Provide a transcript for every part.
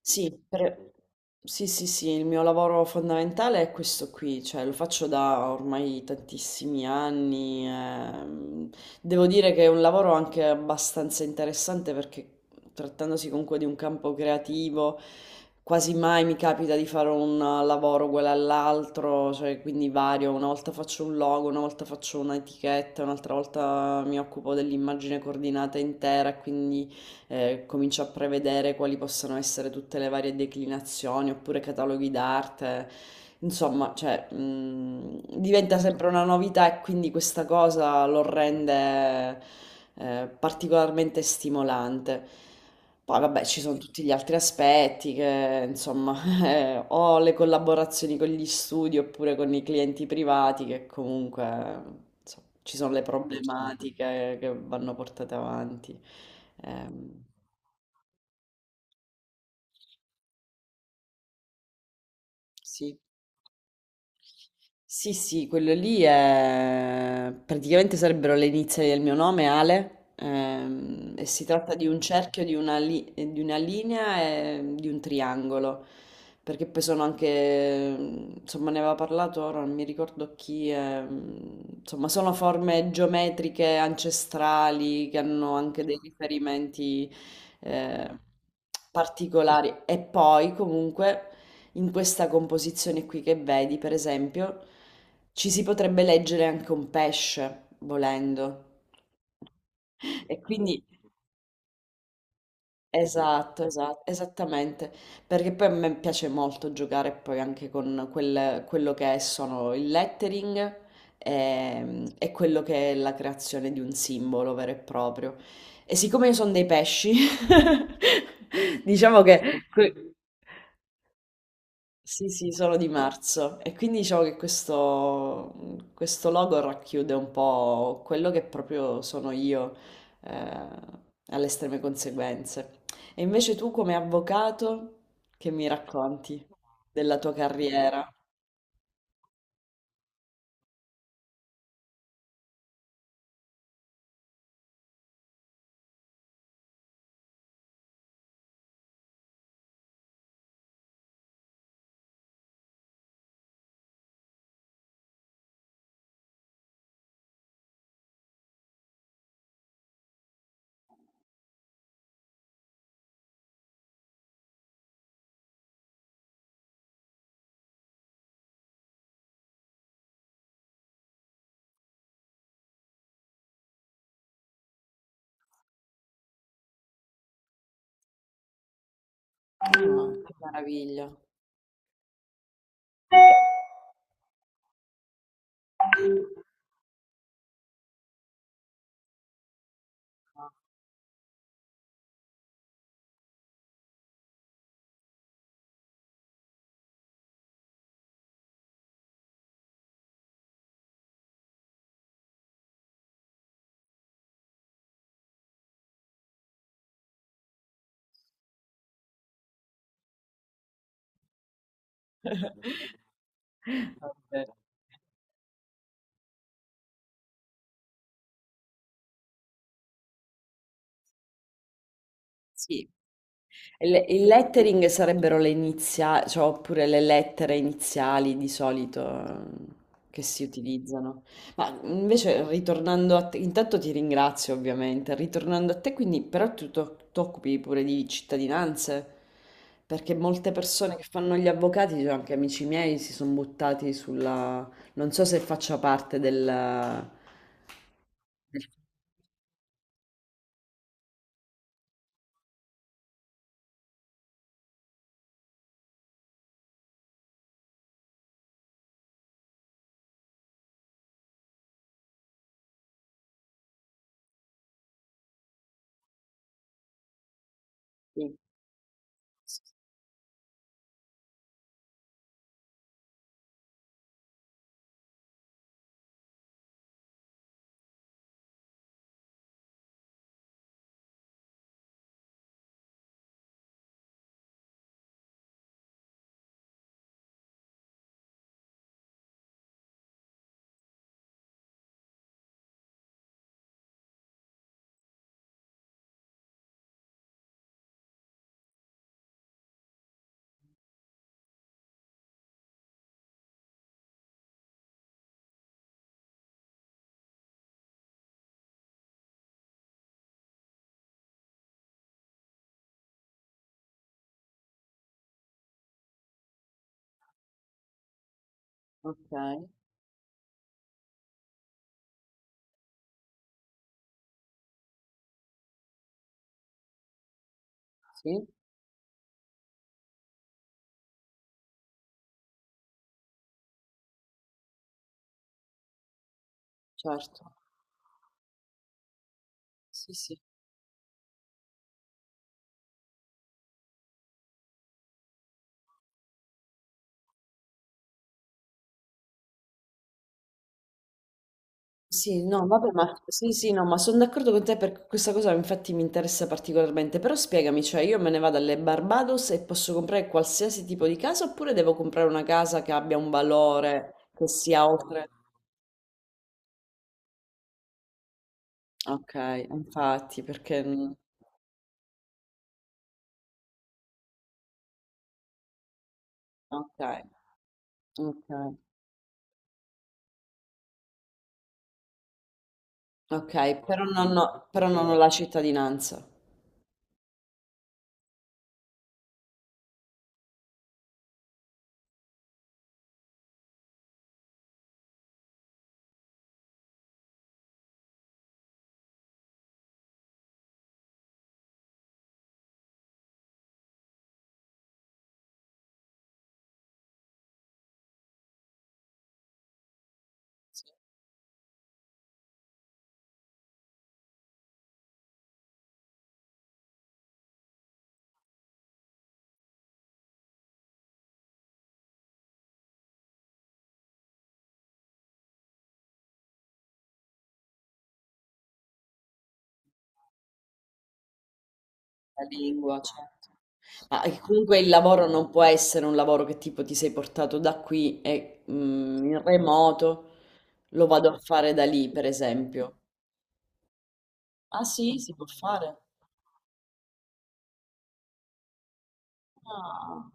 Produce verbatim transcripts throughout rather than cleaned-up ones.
Sì, per- sì, sì, sì, il mio lavoro fondamentale è questo qui, cioè lo faccio da ormai tantissimi anni. ehm, Devo dire che è un lavoro anche abbastanza interessante, perché, trattandosi comunque di un campo creativo, quasi mai mi capita di fare un eh, lavoro uguale all'altro, cioè, quindi, vario: una volta faccio un logo, una volta faccio un'etichetta, un'altra volta mi occupo dell'immagine coordinata intera, quindi eh, comincio a prevedere quali possono essere tutte le varie declinazioni oppure cataloghi d'arte. Insomma, cioè, mh, diventa sempre una novità e quindi questa cosa lo rende eh, particolarmente stimolante. Poi vabbè, ci sono tutti gli altri aspetti che, insomma, eh, o le collaborazioni con gli studi oppure con i clienti privati che, comunque, insomma, ci sono le, certo, problematiche che vanno portate avanti. Ehm, Sì. Sì, sì, quello lì è... praticamente sarebbero le iniziali del mio nome, Ale, ehm, e si tratta di un cerchio, di una, li- eh, di una linea e di un triangolo, perché poi sono anche, ehm, insomma, ne aveva parlato ora, non mi ricordo chi, ehm, insomma, sono forme geometriche ancestrali che hanno anche dei riferimenti eh, particolari e poi comunque... In questa composizione qui che vedi, per esempio, ci si potrebbe leggere anche un pesce, volendo. E quindi, esatto, esatto, esattamente, perché poi a me piace molto giocare poi anche con quel- quello che è- sono il lettering, ehm, e quello che è la creazione di un simbolo vero e proprio. E siccome io sono dei pesci, diciamo che... Sì, sì, solo di marzo. E quindi diciamo che questo, questo logo racchiude un po' quello che proprio sono io, eh, alle estreme conseguenze. E invece tu, come avvocato, che mi racconti della tua carriera? Che, che meraviglia. Vabbè. Sì. Il il lettering sarebbero le iniziali, cioè, oppure le lettere iniziali di solito eh, che si utilizzano. Ma invece, ritornando a te, intanto ti ringrazio ovviamente. Ritornando a te, quindi, però, tu to- ti occupi pure di cittadinanze, perché molte persone che fanno gli avvocati, cioè anche amici miei, si sono buttati sulla... Non so se faccia parte del... del- sì, ok, sì, certo. Sì, sì. Sì, no, vabbè, ma sì, sì, no, ma sono d'accordo con te, perché questa cosa infatti mi interessa particolarmente. Però spiegami, cioè io me ne vado alle Barbados e posso comprare qualsiasi tipo di casa oppure devo comprare una casa che abbia un valore che sia oltre. Ok, infatti, perché ok, ok, ok, però non ho, però non ho la cittadinanza, la lingua, certo. Ma eh, comunque il lavoro non può essere un lavoro che, tipo, ti sei portato da qui e, mm, in remoto. Lo vado a fare da lì, per esempio. Ah sì, si può fare? Ah,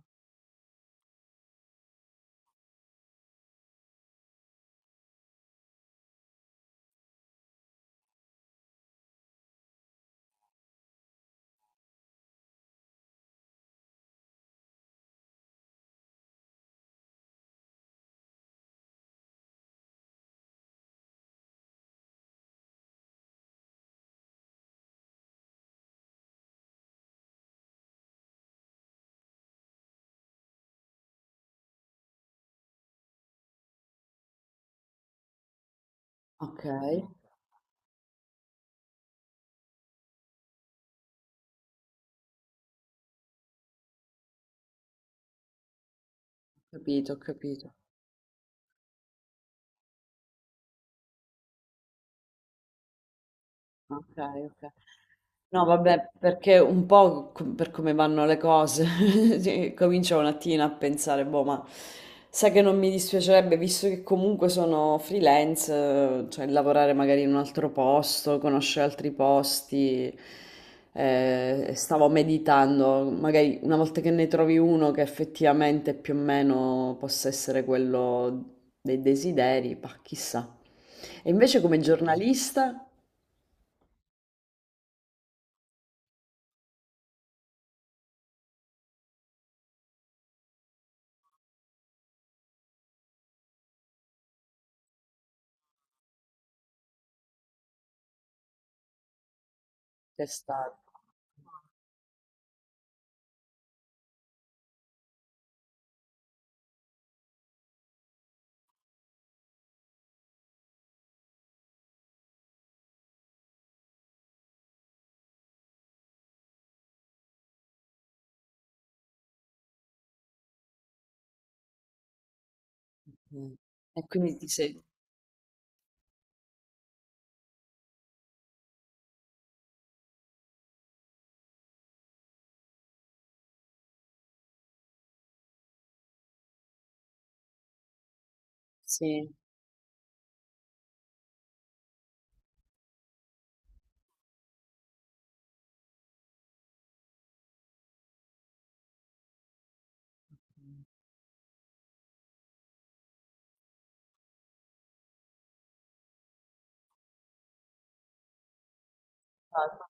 ok, ho capito, ho capito. Okay, okay. No, vabbè, perché un po' co- per come vanno le cose, sì, comincio un attimo a pensare, boh, ma sai che non mi dispiacerebbe, visto che comunque sono freelance, eh, cioè lavorare magari in un altro posto, conoscere altri posti. Eh, stavo meditando, magari una volta che ne trovi uno che effettivamente più o meno possa essere quello dei desideri, bah, chissà. E invece come giornalista? C'è stato. Mh. E quindi ti sei sì, esatto.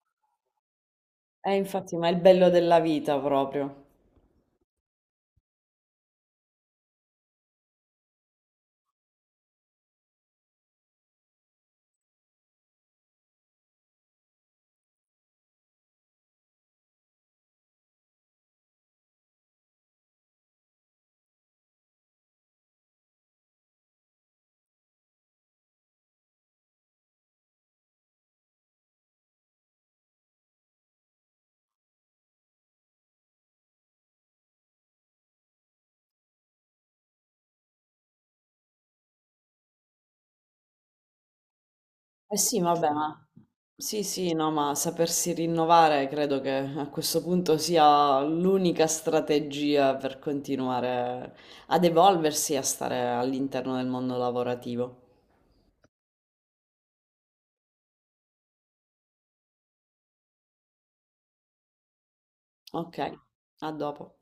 Eh, infatti, ma è il bello della vita proprio. Eh sì, vabbè, ma sì, sì, no, ma sapersi rinnovare credo che a questo punto sia l'unica strategia per continuare ad evolversi e a stare all'interno del mondo lavorativo. Ok, a dopo.